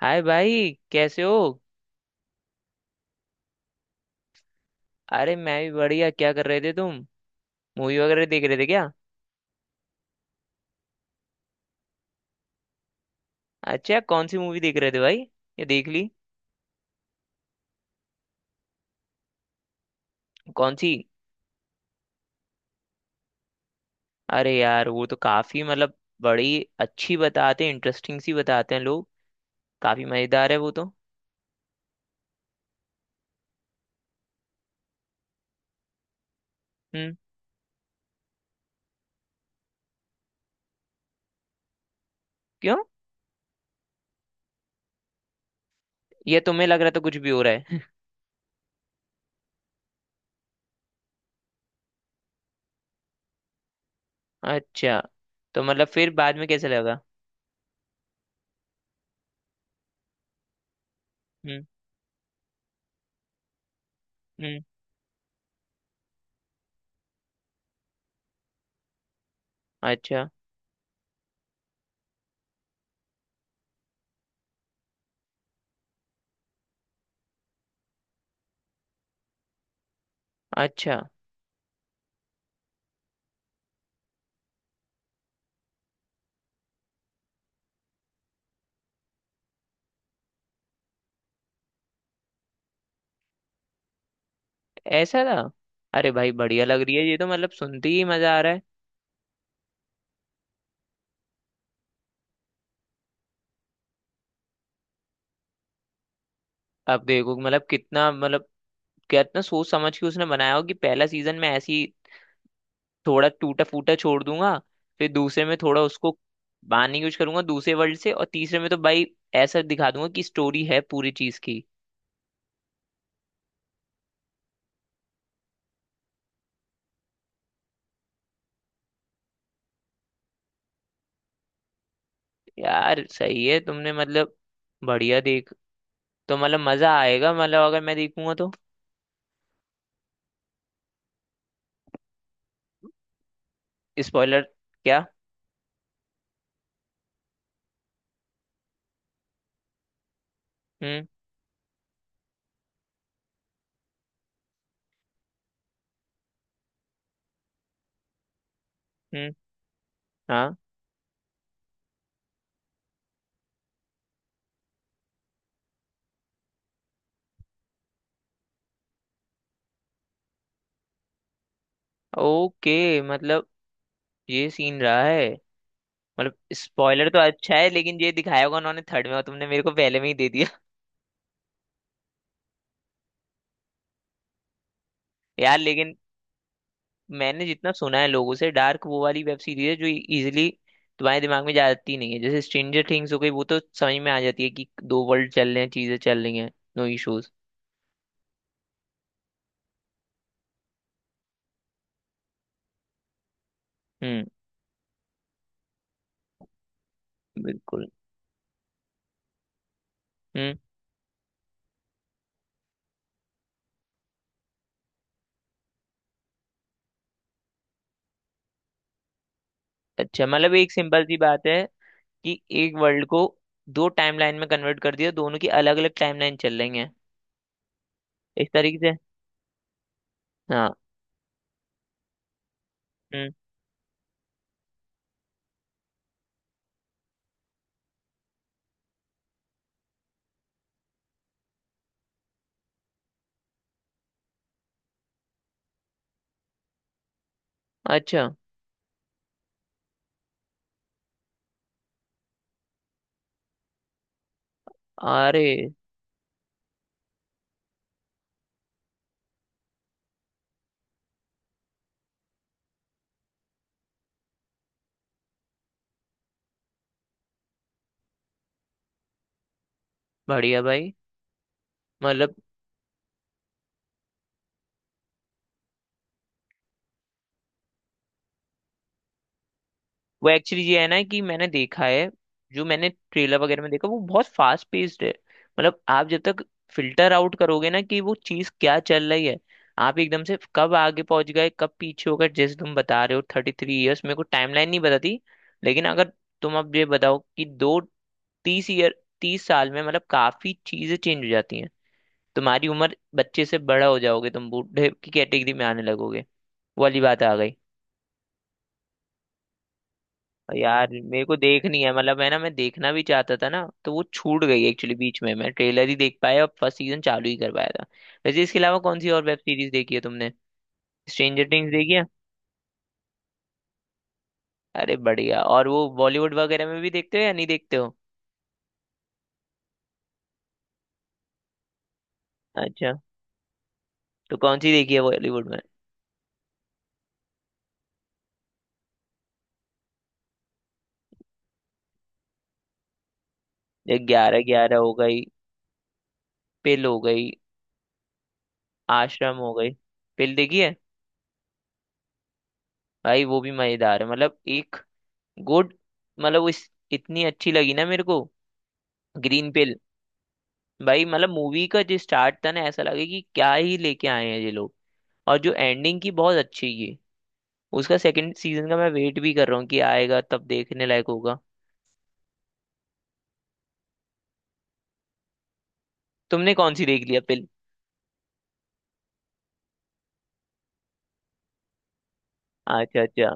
हाय भाई, कैसे हो? अरे, मैं भी बढ़िया। क्या कर रहे थे तुम? मूवी वगैरह देख रहे थे क्या? अच्छा, कौन सी मूवी देख रहे थे भाई? ये देख ली? कौन सी? अरे यार, वो तो काफी मतलब बड़ी अच्छी बताते हैं, इंटरेस्टिंग सी बताते हैं लोग। काफी मजेदार है वो तो। हम्म। क्यों? ये तुम्हें लग रहा था कुछ भी हो रहा है? अच्छा, तो मतलब फिर बाद में कैसे लगा? हम्म। हम्म। अच्छा। अच्छा, ऐसा था? अरे भाई, बढ़िया लग रही है ये तो, मतलब सुनते ही मजा आ रहा है। अब देखो, मतलब कितना, मतलब कितना सोच समझ के उसने बनाया हो कि पहला सीजन में ऐसी थोड़ा टूटा फूटा छोड़ दूंगा, फिर दूसरे में थोड़ा उसको बांधने की कोशिश करूंगा दूसरे वर्ल्ड से, और तीसरे में तो भाई ऐसा दिखा दूंगा कि स्टोरी है पूरी चीज की। यार, सही है तुमने, मतलब बढ़िया देख। तो मतलब मजा आएगा, मतलब अगर मैं देखूंगा तो। स्पॉइलर? क्या? हम्म। हम्म। हाँ। ओके, मतलब ये सीन रहा है। मतलब स्पॉइलर तो अच्छा है, लेकिन ये दिखाया होगा उन्होंने थर्ड में और तुमने मेरे को पहले में ही दे दिया। यार लेकिन मैंने जितना सुना है लोगों से, डार्क वो वाली वेब सीरीज है जो इजीली तुम्हारे दिमाग में जाती नहीं है। जैसे स्ट्रेंजर थिंग्स हो गई, वो तो समझ में आ जाती है कि दो वर्ल्ड चल रहे हैं, चीजें चल रही हैं। No issues. हम्म। बिल्कुल। हम्म। अच्छा मतलब एक सिंपल सी बात है कि एक वर्ल्ड को दो टाइमलाइन में कन्वर्ट कर दिया, दोनों की अलग अलग टाइमलाइन चल रही हैं इस तरीके से। हाँ। हम्म। अच्छा। अरे बढ़िया भाई। मतलब वो एक्चुअली ये है ना कि मैंने देखा है, जो मैंने ट्रेलर वगैरह में देखा, वो बहुत फास्ट पेस्ड है। मतलब आप जब तक फिल्टर आउट करोगे ना कि वो चीज क्या चल रही है, आप एकदम से कब आगे पहुंच गए कब पीछे हो गए। जैसे तुम बता रहे हो 33 ईयर्स, मेरे को टाइमलाइन नहीं बताती। लेकिन अगर तुम अब ये बताओ कि दो तीस ईयर 30 साल में, मतलब काफी चीजें चेंज हो जाती हैं। तुम्हारी उम्र बच्चे से बड़ा हो जाओगे, तुम बूढ़े की कैटेगरी में आने लगोगे। वो वाली बात आ गई। यार मेरे को देखनी है, मतलब है ना, मैं देखना भी चाहता था ना, तो वो छूट गई एक्चुअली बीच में। मैं ट्रेलर ही देख पाया और फर्स्ट सीजन चालू ही कर पाया था। वैसे इसके अलावा कौन सी और वेब सीरीज देखी है तुमने? स्ट्रेंजर थिंग्स देखी है? अरे बढ़िया। और वो बॉलीवुड वगैरह में भी देखते हो या नहीं देखते हो? अच्छा। तो कौन सी देखी है बॉलीवुड में? ये 11:11 हो गई, पिल हो गई, आश्रम हो गई। पिल देखी है? भाई वो भी मजेदार है, मतलब एक गुड, मतलब वो इतनी अच्छी लगी ना मेरे को, ग्रीन पिल। भाई, मतलब मूवी का जो स्टार्ट था ना, ऐसा लगे कि क्या ही लेके आए हैं ये लोग, और जो एंडिंग की बहुत अच्छी की। उसका सेकंड सीजन का मैं वेट भी कर रहा हूँ कि आएगा तब देखने लायक होगा। तुमने कौन सी देख लिया फिल्म? अच्छा। अच्छा,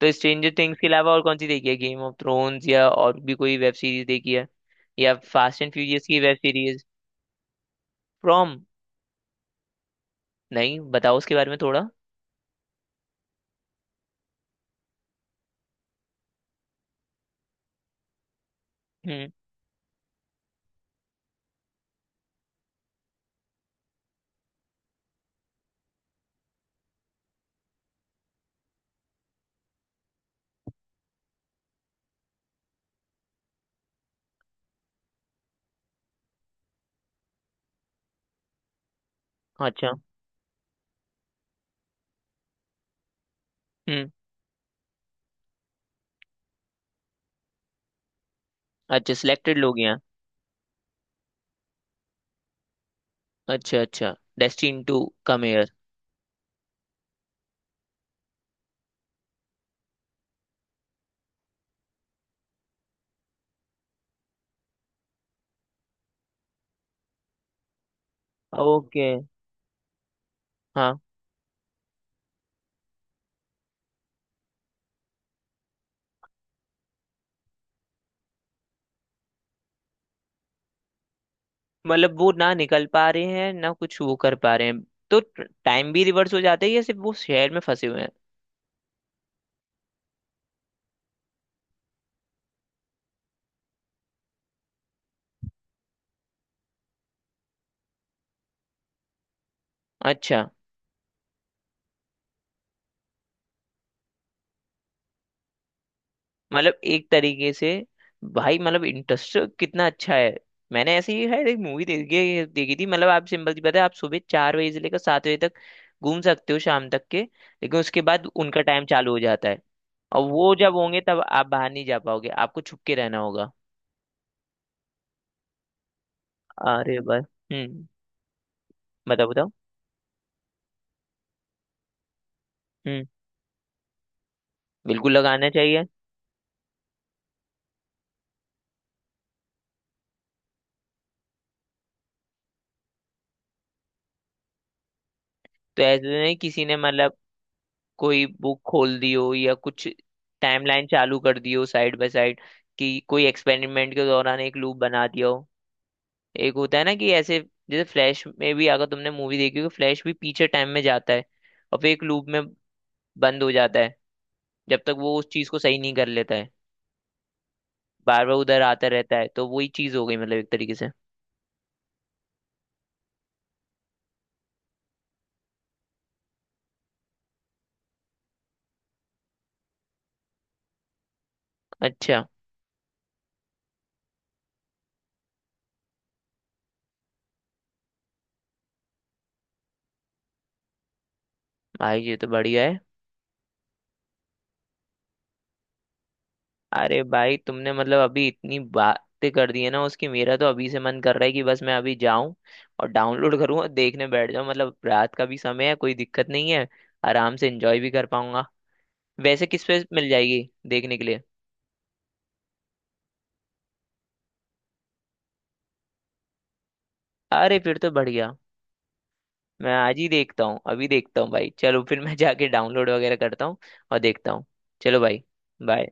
तो स्ट्रेंजर थिंग्स के अलावा और कौन सी देखी है? गेम ऑफ थ्रोन्स या और भी कोई वेब सीरीज देखी है? या फास्ट एंड फ्यूरियस की वेब सीरीज? फ्रॉम? नहीं, बताओ उसके बारे में थोड़ा। हम्म। अच्छा। हम्म। अच्छा, सिलेक्टेड लोग यहाँ? अच्छा अच्छा, destine to come here. Okay. हाँ। मतलब वो ना निकल पा रहे हैं ना कुछ वो कर पा रहे हैं। तो टाइम भी रिवर्स हो जाता है या सिर्फ वो शहर में फंसे हुए हैं? अच्छा, मतलब एक तरीके से। भाई, मतलब इंटरेस्ट कितना अच्छा है। मैंने ऐसे ही है एक मूवी देखी देखी थी, मतलब आप, सिंपल सी बात है, आप सुबह 4 बजे से लेकर 7 बजे तक घूम सकते हो, शाम तक के। लेकिन उसके बाद उनका टाइम चालू हो जाता है, और वो जब होंगे तब आप बाहर नहीं जा पाओगे, आपको छुप के रहना होगा। अरे बस। हम्म। बताओ बताओ। हम्म। बिल्कुल, लगाना चाहिए। तो ऐसे तो नहीं किसी ने, मतलब कोई बुक खोल दियो या कुछ, टाइमलाइन चालू कर दियो साइड बाय साइड, कि कोई एक्सपेरिमेंट के दौरान एक लूप बना दिया हो। एक होता है ना कि ऐसे, जैसे फ्लैश में भी, अगर तुमने मूवी देखी हो, फ्लैश भी पीछे टाइम में जाता है, और फिर एक लूप में बंद हो जाता है जब तक वो उस चीज को सही नहीं कर लेता है। बार बार उधर आता रहता है। तो वही चीज हो गई मतलब एक तरीके से। अच्छा। भाई ये तो बढ़िया है। अरे भाई, तुमने मतलब अभी इतनी बातें कर दी है ना उसकी, मेरा तो अभी से मन कर रहा है कि बस मैं अभी जाऊं और डाउनलोड करूं और देखने बैठ जाऊं। मतलब रात का भी समय है, कोई दिक्कत नहीं है, आराम से एंजॉय भी कर पाऊंगा। वैसे किस पे मिल जाएगी देखने के लिए? अरे फिर तो बढ़िया, मैं आज ही देखता हूँ, अभी देखता हूँ भाई। चलो, फिर मैं जाके डाउनलोड वगैरह करता हूँ और देखता हूँ। चलो भाई, बाय।